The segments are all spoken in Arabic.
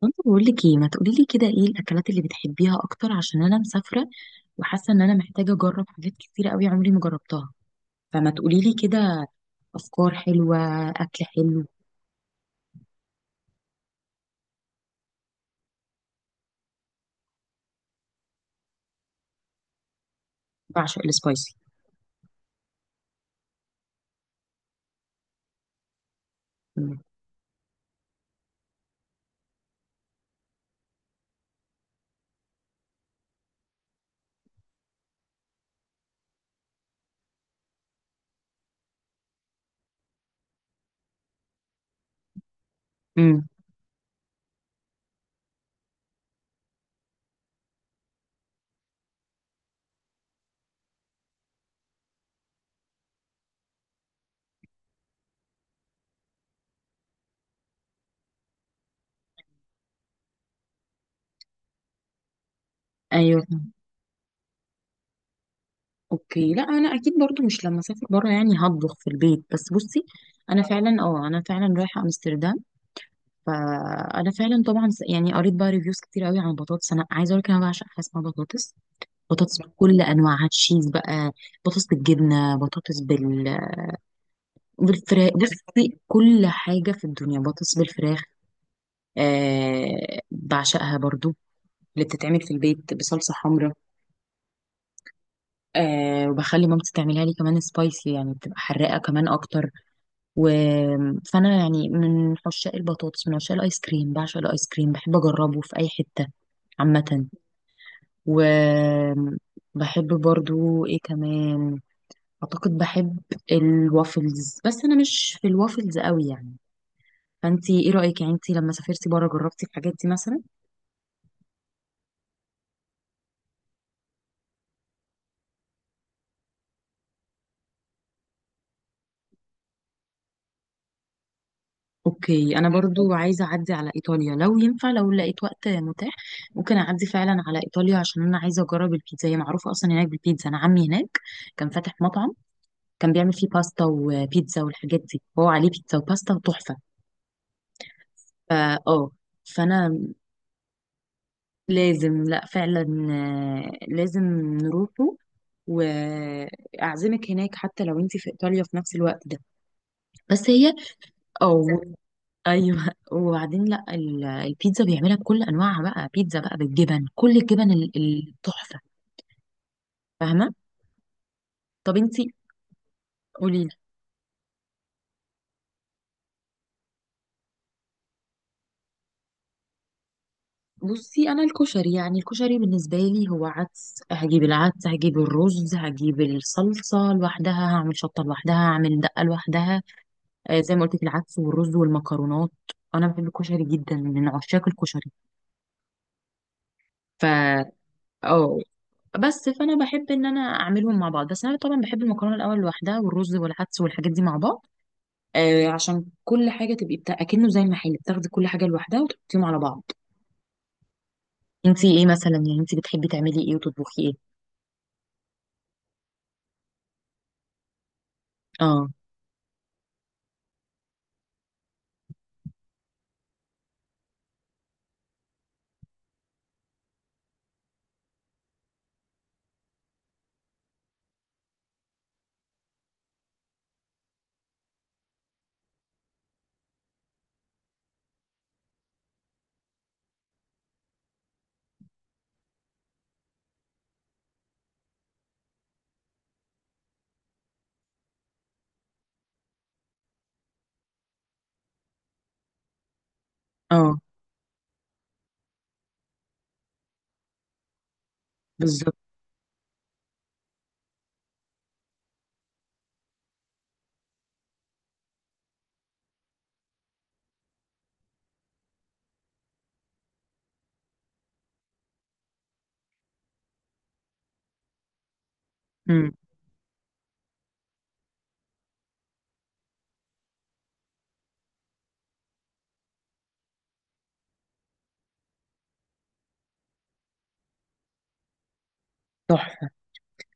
كنت بقول لك ايه، ما تقولي لي كده ايه الاكلات اللي بتحبيها اكتر؟ عشان انا مسافره وحاسه ان انا محتاجه اجرب حاجات كتيره قوي عمري ما جربتها. فما تقولي لي كده، افكار حلوه، اكل حلو. بعشق السبايسي. امم ايوه. اوكي، لا انا اكيد برضو مش لما اسافر بره يعني هطبخ في البيت، بس بصي، انا فعلا، انا فعلا رايحه امستردام. فانا فعلا طبعا يعني قريت بقى ريفيوز كتير قوي عن البطاطس. انا عايزه اقول لك، انا بعشق حاجه اسمها بطاطس، بطاطس بكل انواعها، تشيز بقى، بطاطس بالجبنه، بطاطس بالفراخ. بصي، كل حاجه في الدنيا بطاطس بالفراخ. آه، بعشقها برضو اللي بتتعمل في البيت بصلصه حمراء. آه، وبخلي مامتي تعملها لي كمان سبايسي، يعني بتبقى حراقه كمان اكتر. و... فانا يعني من عشاق البطاطس، من عشاق الايس كريم، بعشق الايس كريم، بحب اجربه في اي حته عامه. و بحب برضو ايه كمان، اعتقد بحب الوافلز، بس انا مش في الوافلز قوي يعني. فانتي ايه رايك؟ يعني انتي لما سافرتي بره جربتي الحاجات دي مثلا؟ اوكي، انا برضو عايزه اعدي على ايطاليا لو ينفع، لو لقيت وقت متاح. ممكن اعدي فعلا على ايطاليا عشان انا عايزه اجرب البيتزا، هي معروفه اصلا هناك بالبيتزا. انا عمي هناك كان فاتح مطعم، كان بيعمل فيه باستا وبيتزا والحاجات دي، هو عليه بيتزا وباستا وتحفه. فا اه فانا لازم، لا فعلا. لازم نروحه، واعزمك هناك حتى لو انت في ايطاليا في نفس الوقت ده. بس هي، او ايوه. وبعدين لا، البيتزا بيعملها بكل انواعها بقى، بيتزا بقى بالجبن، كل الجبن التحفه، فاهمه. طب انت، قولي لي. بصي، انا الكشري، يعني الكشري بالنسبه لي هو عدس، هجيب العدس، هجيب الرز، هجيب الصلصه لوحدها، هعمل شطه لوحدها، هعمل دقه لوحدها. آه، زي ما قلت لك، العدس والرز والمكرونات. انا بحب الكشري جدا، من عشاق الكشري. ف اه بس فانا بحب ان انا اعملهم مع بعض، بس انا طبعا بحب المكرونه الاول لوحدها، والرز والعدس والحاجات دي مع بعض. آه، عشان كل حاجه تبقي اكنه زي المحل، بتاخدي كل حاجه لوحدها وتحطيهم على بعض. انتي ايه مثلا؟ يعني انتي بتحبي تعملي ايه وتطبخي ايه؟ اه، اه، بالظبط. امم تحفه.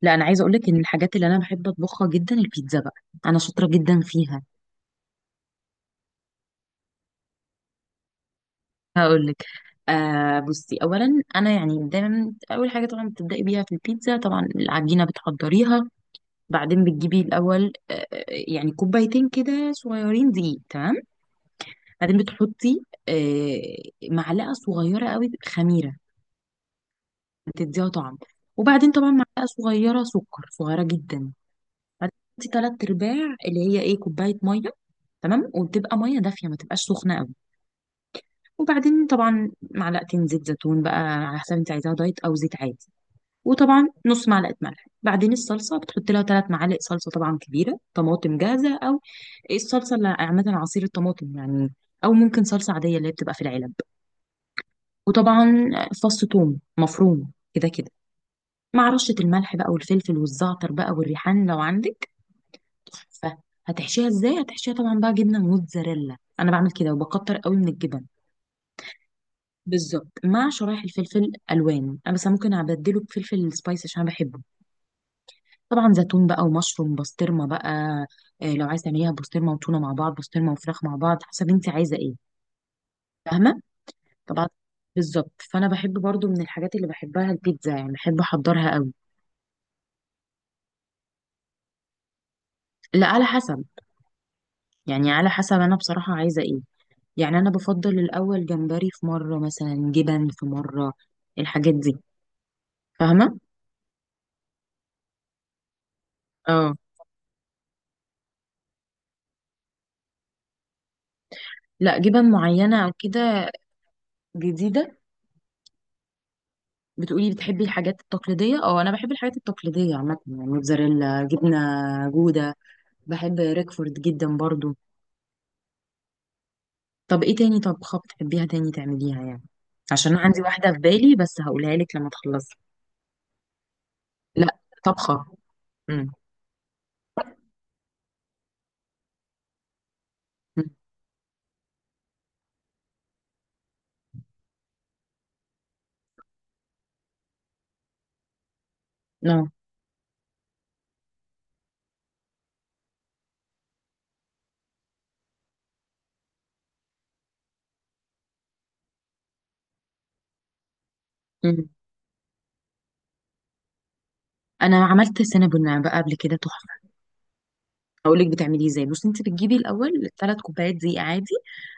لا انا عايزه اقول لك ان الحاجات اللي انا بحب اطبخها جدا البيتزا بقى، انا شاطره جدا فيها. هقول لك. آه بصي، اولا انا يعني دايما اول حاجه طبعا بتبداي بيها في البيتزا طبعا العجينه بتحضريها. بعدين بتجيبي الأول، يعني كوبايتين كده صغيرين دقيق، تمام. بعدين بتحطي معلقة صغيرة قوي خميرة، بتديها طعم. وبعدين طبعا معلقة صغيرة سكر صغيرة جدا. بعدين بتحطي تلات أرباع اللي هي إيه، كوباية مية، تمام. وبتبقى مية دافية، ما تبقاش سخنة قوي. وبعدين طبعا معلقتين زيت زيتون بقى، على حسب انت عايزاها دايت أو زيت عادي. وطبعا نص معلقه ملح. بعدين الصلصه بتحط لها ثلاث معالق صلصه، طبعا كبيره، طماطم جاهزه، او الصلصه اللي عامه عصير الطماطم يعني، او ممكن صلصه عاديه اللي هي بتبقى في العلب. وطبعا فص ثوم مفروم، كده كده مع رشه الملح بقى والفلفل والزعتر بقى والريحان لو عندك، تحفه. هتحشيها ازاي؟ هتحشيها طبعا بقى جبنه موتزاريلا، انا بعمل كده وبكتر قوي من الجبن. بالظبط، مع شرايح الفلفل الوان، انا بس ممكن ابدله بفلفل سبايسي عشان أنا بحبه. طبعا زيتون بقى، ومشروم، بسطرمه بقى. آه، لو عايزه تعمليها بسطرمه وتونه مع بعض، بسطرمه وفراخ مع بعض، حسب انت عايزه ايه، فاهمه. طبعا بالظبط. فانا بحب برضو من الحاجات اللي بحبها البيتزا، يعني بحب احضرها قوي. لا على حسب، يعني على حسب انا بصراحه عايزه ايه. يعني انا بفضل الاول جمبري في مره، مثلا جبن في مره، الحاجات دي، فاهمه. اه. لا، جبن معينه او كده جديده؟ بتقولي بتحبي الحاجات التقليديه، اه انا بحب الحاجات التقليديه عامه، يعني موتزاريلا، جبنه جوده، بحب ريكفورد جدا برضو. طب ايه تاني طبخة بتحبيها تاني تعمليها يعني؟ عشان أنا عندي واحدة في بالي بس هقولها لك لما تخلصي. لا، طبخة. امم نو. انا عملت سينابون بقى قبل كده، تحفة. هقول لك بتعمليه ازاي. بصي، انت بتجيبي الاول ثلاث كوبايات دقيق عادي.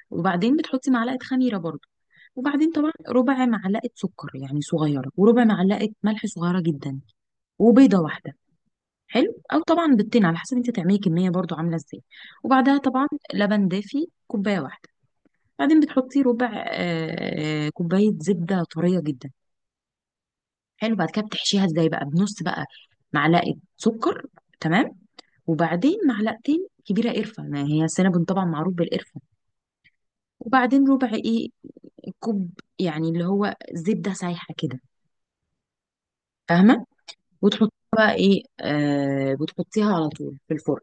وبعدين بتحطي معلقة خميرة برضو. وبعدين طبعا ربع معلقة سكر يعني صغيرة، وربع معلقة ملح صغيرة جدا، وبيضة واحدة. حلو، او طبعا بالتين على حسب انت تعملي كميه برضو عامله ازاي. وبعدها طبعا لبن دافي كوبايه واحده. بعدين بتحطي ربع كوبايه زبده طريه جدا. حلو. بعد كده بتحشيها ازاي بقى، بنص بقى معلقه سكر، تمام. وبعدين معلقتين كبيره قرفه، ما هي السينابون طبعا معروف بالقرفه. وبعدين ربع ايه، كوب، يعني اللي هو زبده سايحه كده، فاهمه. وتحطيها بقى ايه، آه، بتحطيها على طول في الفرن.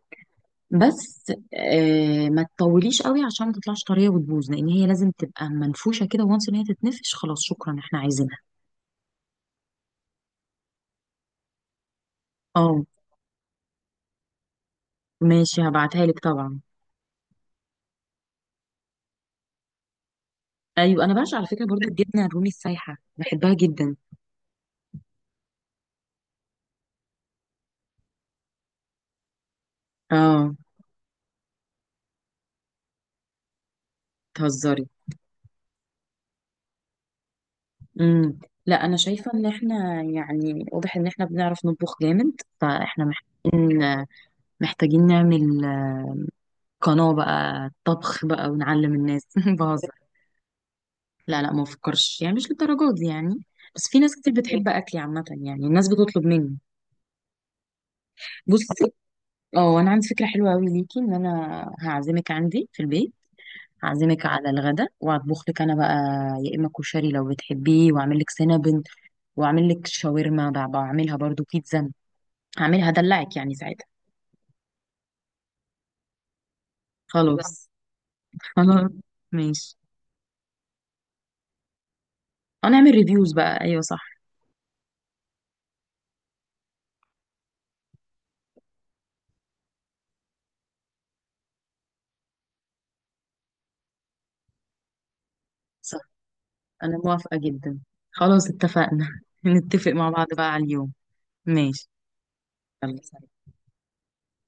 بس آه ما تطوليش قوي عشان ما تطلعش طريه وتبوظ، لان هي لازم تبقى منفوشه كده. وانس ان هي تتنفش، خلاص شكرا احنا عايزينها. اه ماشي، هبعتها لك طبعا. ايوه، انا بعشق على فكره برضو الجبنه الرومي السايحه، بحبها جدا. اه تهزري. امم لا، انا شايفه ان احنا يعني واضح ان احنا بنعرف نطبخ جامد. فاحنا محتاجين نعمل قناه بقى طبخ بقى ونعلم الناس بهزر. لا لا، ما بفكرش، يعني مش للدرجات دي يعني. بس في ناس كتير بتحب اكلي عامه، يعني الناس بتطلب مني. بصي، اه انا عندي فكره حلوه قوي ليكي، ان انا هعزمك عندي في البيت. هعزمك على الغدا وهطبخ لك انا بقى. يا اما كشري لو بتحبيه، واعمل لك سينابن، واعمل لك شاورما، بعملها برضو بيتزا، هعملها، هدلعك يعني ساعتها. خلاص، خلاص ماشي. هنعمل ريفيوز بقى، ايوه صح، صح. انا موافقه جدا. خلاص اتفقنا نتفق مع بعض بقى على اليوم. ماشي، يلا سلام.